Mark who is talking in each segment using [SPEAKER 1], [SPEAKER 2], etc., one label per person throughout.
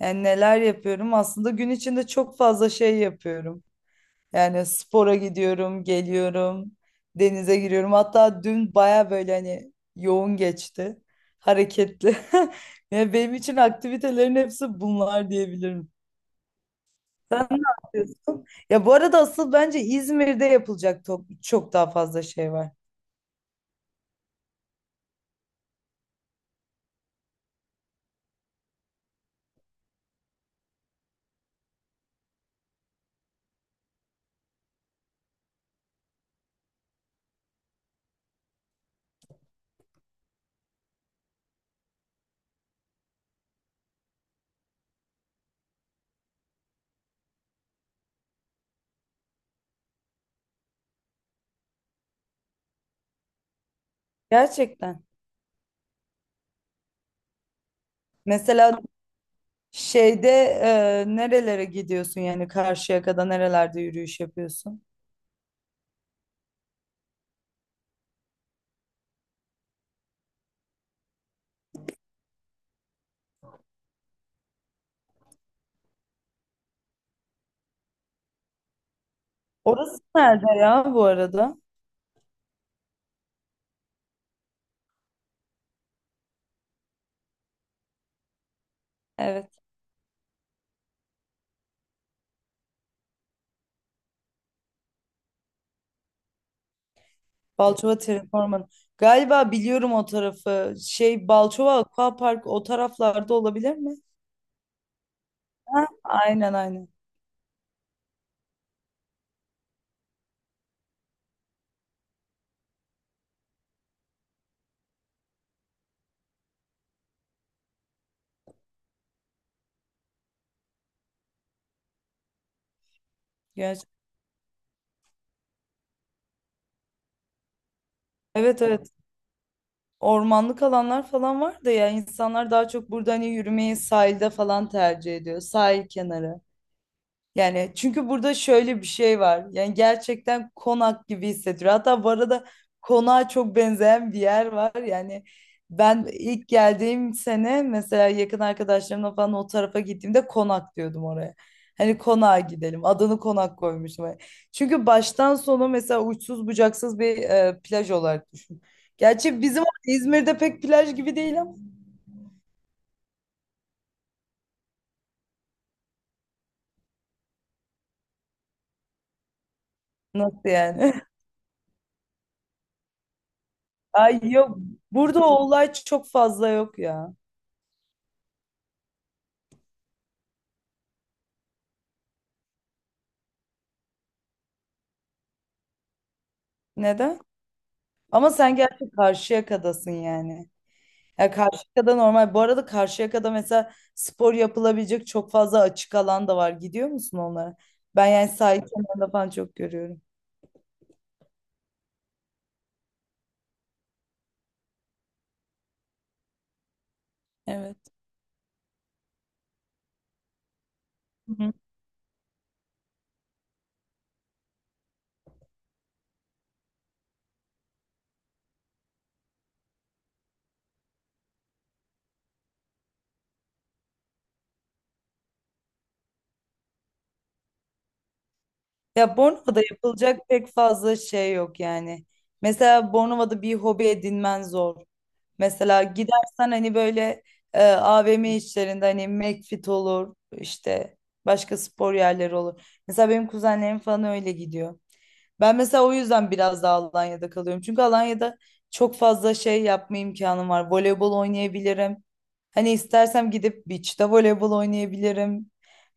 [SPEAKER 1] Yani neler yapıyorum? Aslında gün içinde çok fazla şey yapıyorum. Yani spora gidiyorum, geliyorum, denize giriyorum. Hatta dün baya böyle hani yoğun geçti, hareketli. Yani benim için aktivitelerin hepsi bunlar diyebilirim. Sen ne yapıyorsun? Ya bu arada asıl bence İzmir'de yapılacak çok daha fazla şey var. Gerçekten. Mesela şeyde nerelere gidiyorsun yani Karşıyaka'da nerelerde yürüyüş yapıyorsun? Orası nerede ya bu arada? Evet. Balçova Terraforma'nın. Galiba biliyorum o tarafı. Şey Balçova Aquapark o taraflarda olabilir mi? Ha, aynen aynen. Gerçi. Evet evet. Ormanlık alanlar falan var da ya insanlar daha çok burada hani yürümeyi sahilde falan tercih ediyor. Sahil kenarı. Yani çünkü burada şöyle bir şey var. Yani gerçekten konak gibi hissettiriyor. Hatta bu arada konağa çok benzeyen bir yer var. Yani ben ilk geldiğim sene mesela yakın arkadaşlarımla falan o tarafa gittiğimde konak diyordum oraya. Hani konağa gidelim. Adını konak koymuştum. Çünkü baştan sona mesela uçsuz bucaksız bir plaj olarak düşün. Gerçi bizim İzmir'de pek plaj gibi değil ama nasıl yani? Ay yok. Burada o olay çok fazla yok ya. Neden? Ama sen gerçi Karşıyaka'dasın yani. Ya Karşıyaka'da normal. Bu arada Karşıyaka'da mesela spor yapılabilecek çok fazla açık alan da var. Gidiyor musun onlara? Ben yani sahil kenarında falan çok görüyorum. Evet. Hı hı. Ya Bornova'da yapılacak pek fazla şey yok yani. Mesela Bornova'da bir hobi edinmen zor. Mesela gidersen hani böyle AVM işlerinde hani McFit olur işte başka spor yerleri olur. Mesela benim kuzenlerim falan öyle gidiyor. Ben mesela o yüzden biraz daha Alanya'da kalıyorum. Çünkü Alanya'da çok fazla şey yapma imkanım var. Voleybol oynayabilirim. Hani istersem gidip beach'te voleybol oynayabilirim.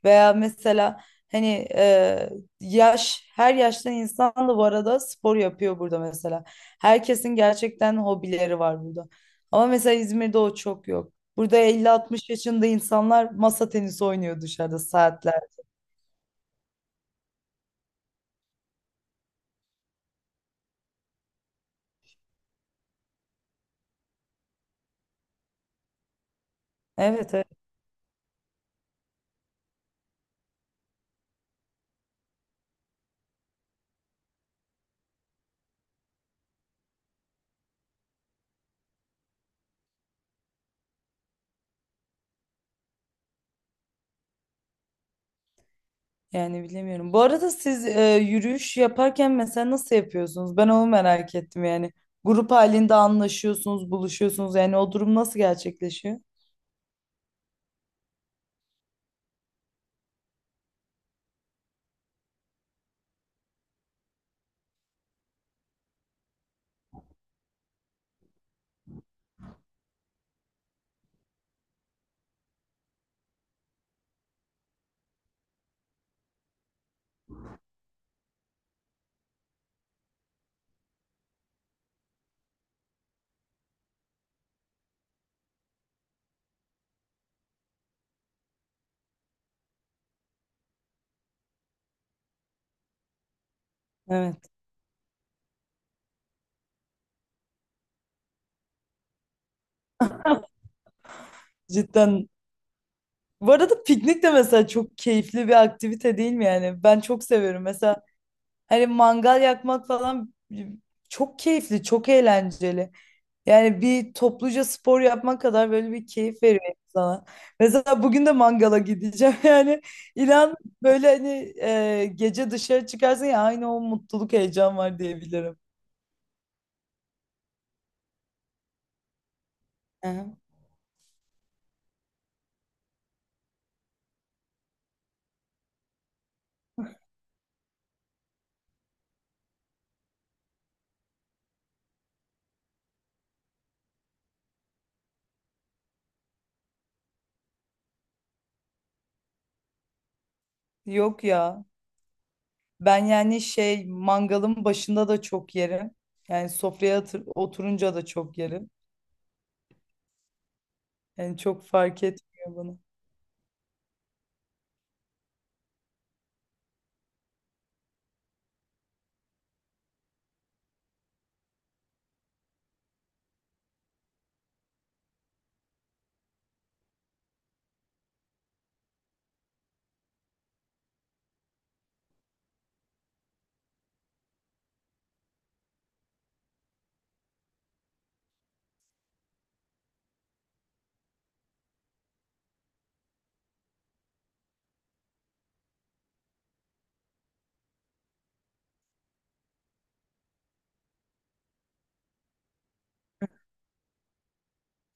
[SPEAKER 1] Veya mesela hani her yaştan insan da bu arada spor yapıyor burada mesela. Herkesin gerçekten hobileri var burada. Ama mesela İzmir'de o çok yok. Burada 50, 60 yaşında insanlar masa tenisi oynuyor dışarıda saatler. Evet, evet. Yani bilemiyorum. Bu arada siz yürüyüş yaparken mesela nasıl yapıyorsunuz? Ben onu merak ettim yani. Grup halinde anlaşıyorsunuz, buluşuyorsunuz. Yani o durum nasıl gerçekleşiyor? Evet. Cidden. Bu arada piknik de mesela çok keyifli bir aktivite değil mi yani? Ben çok seviyorum. Mesela hani mangal yakmak falan, çok keyifli, çok eğlenceli. Yani bir topluca spor yapmak kadar böyle bir keyif veriyor insana. Mesela bugün de mangala gideceğim. Yani inan böyle hani gece dışarı çıkarsın ya aynı o mutluluk heyecan var diyebilirim. Aha. Yok ya. Ben yani şey mangalın başında da çok yerim. Yani sofraya oturunca da çok yerim. Yani çok fark etmiyor bana.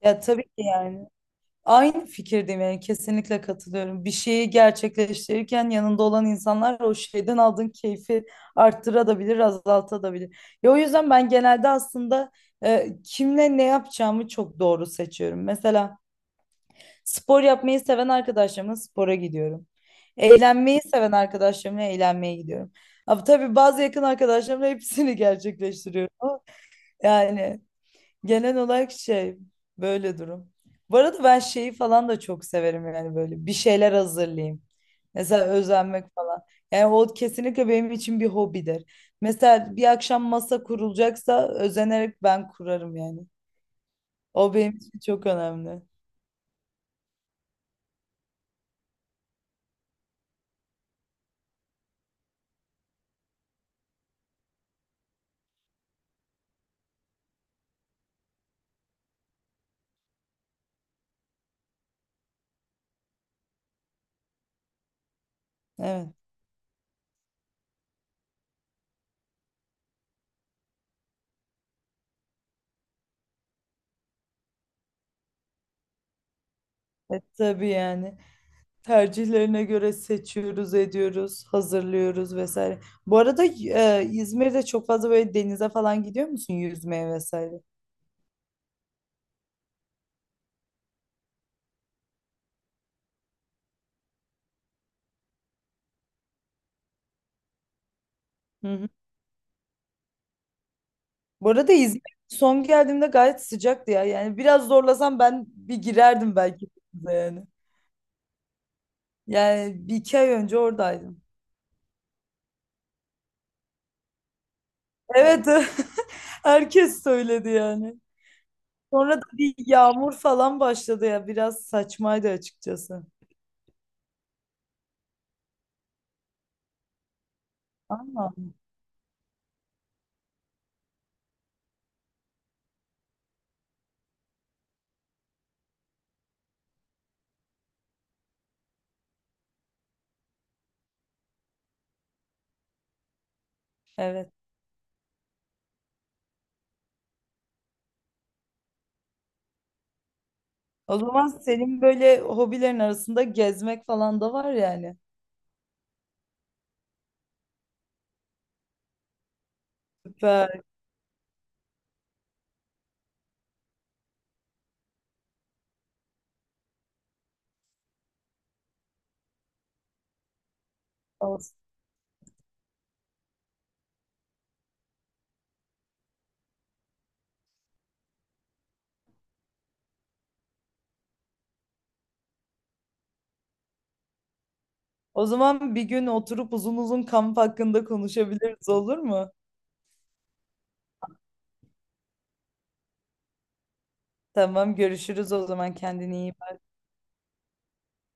[SPEAKER 1] Ya tabii ki yani. Aynı fikirdeyim yani kesinlikle katılıyorum. Bir şeyi gerçekleştirirken yanında olan insanlar o şeyden aldığın keyfi arttırabilir, azaltabilir. Ya o yüzden ben genelde aslında kimle ne yapacağımı çok doğru seçiyorum. Mesela spor yapmayı seven arkadaşlarımla spora gidiyorum. Eğlenmeyi seven arkadaşlarımla eğlenmeye gidiyorum. Ama tabii bazı yakın arkadaşlarımla hepsini gerçekleştiriyorum. Ama yani genel olarak şey böyle durum. Bu arada ben şeyi falan da çok severim yani böyle bir şeyler hazırlayayım. Mesela özenmek falan. Yani o kesinlikle benim için bir hobidir. Mesela bir akşam masa kurulacaksa özenerek ben kurarım yani. O benim için çok önemli. Evet. E, tabii yani. Tercihlerine göre seçiyoruz, ediyoruz, hazırlıyoruz vesaire. Bu arada İzmir'de çok fazla böyle denize falan gidiyor musun yüzmeye vesaire? Hı hı. Bu arada İzmir son geldiğimde gayet sıcaktı ya. Yani biraz zorlasam ben bir girerdim belki denize yani. Yani bir iki ay önce oradaydım. Evet, herkes söyledi yani. Sonra da bir yağmur falan başladı ya. Biraz saçmaydı açıkçası. Ama evet. O zaman senin böyle hobilerin arasında gezmek falan da var yani. Süper. Olsun. O zaman bir gün oturup uzun uzun kamp hakkında konuşabiliriz olur mu? Tamam görüşürüz o zaman kendine iyi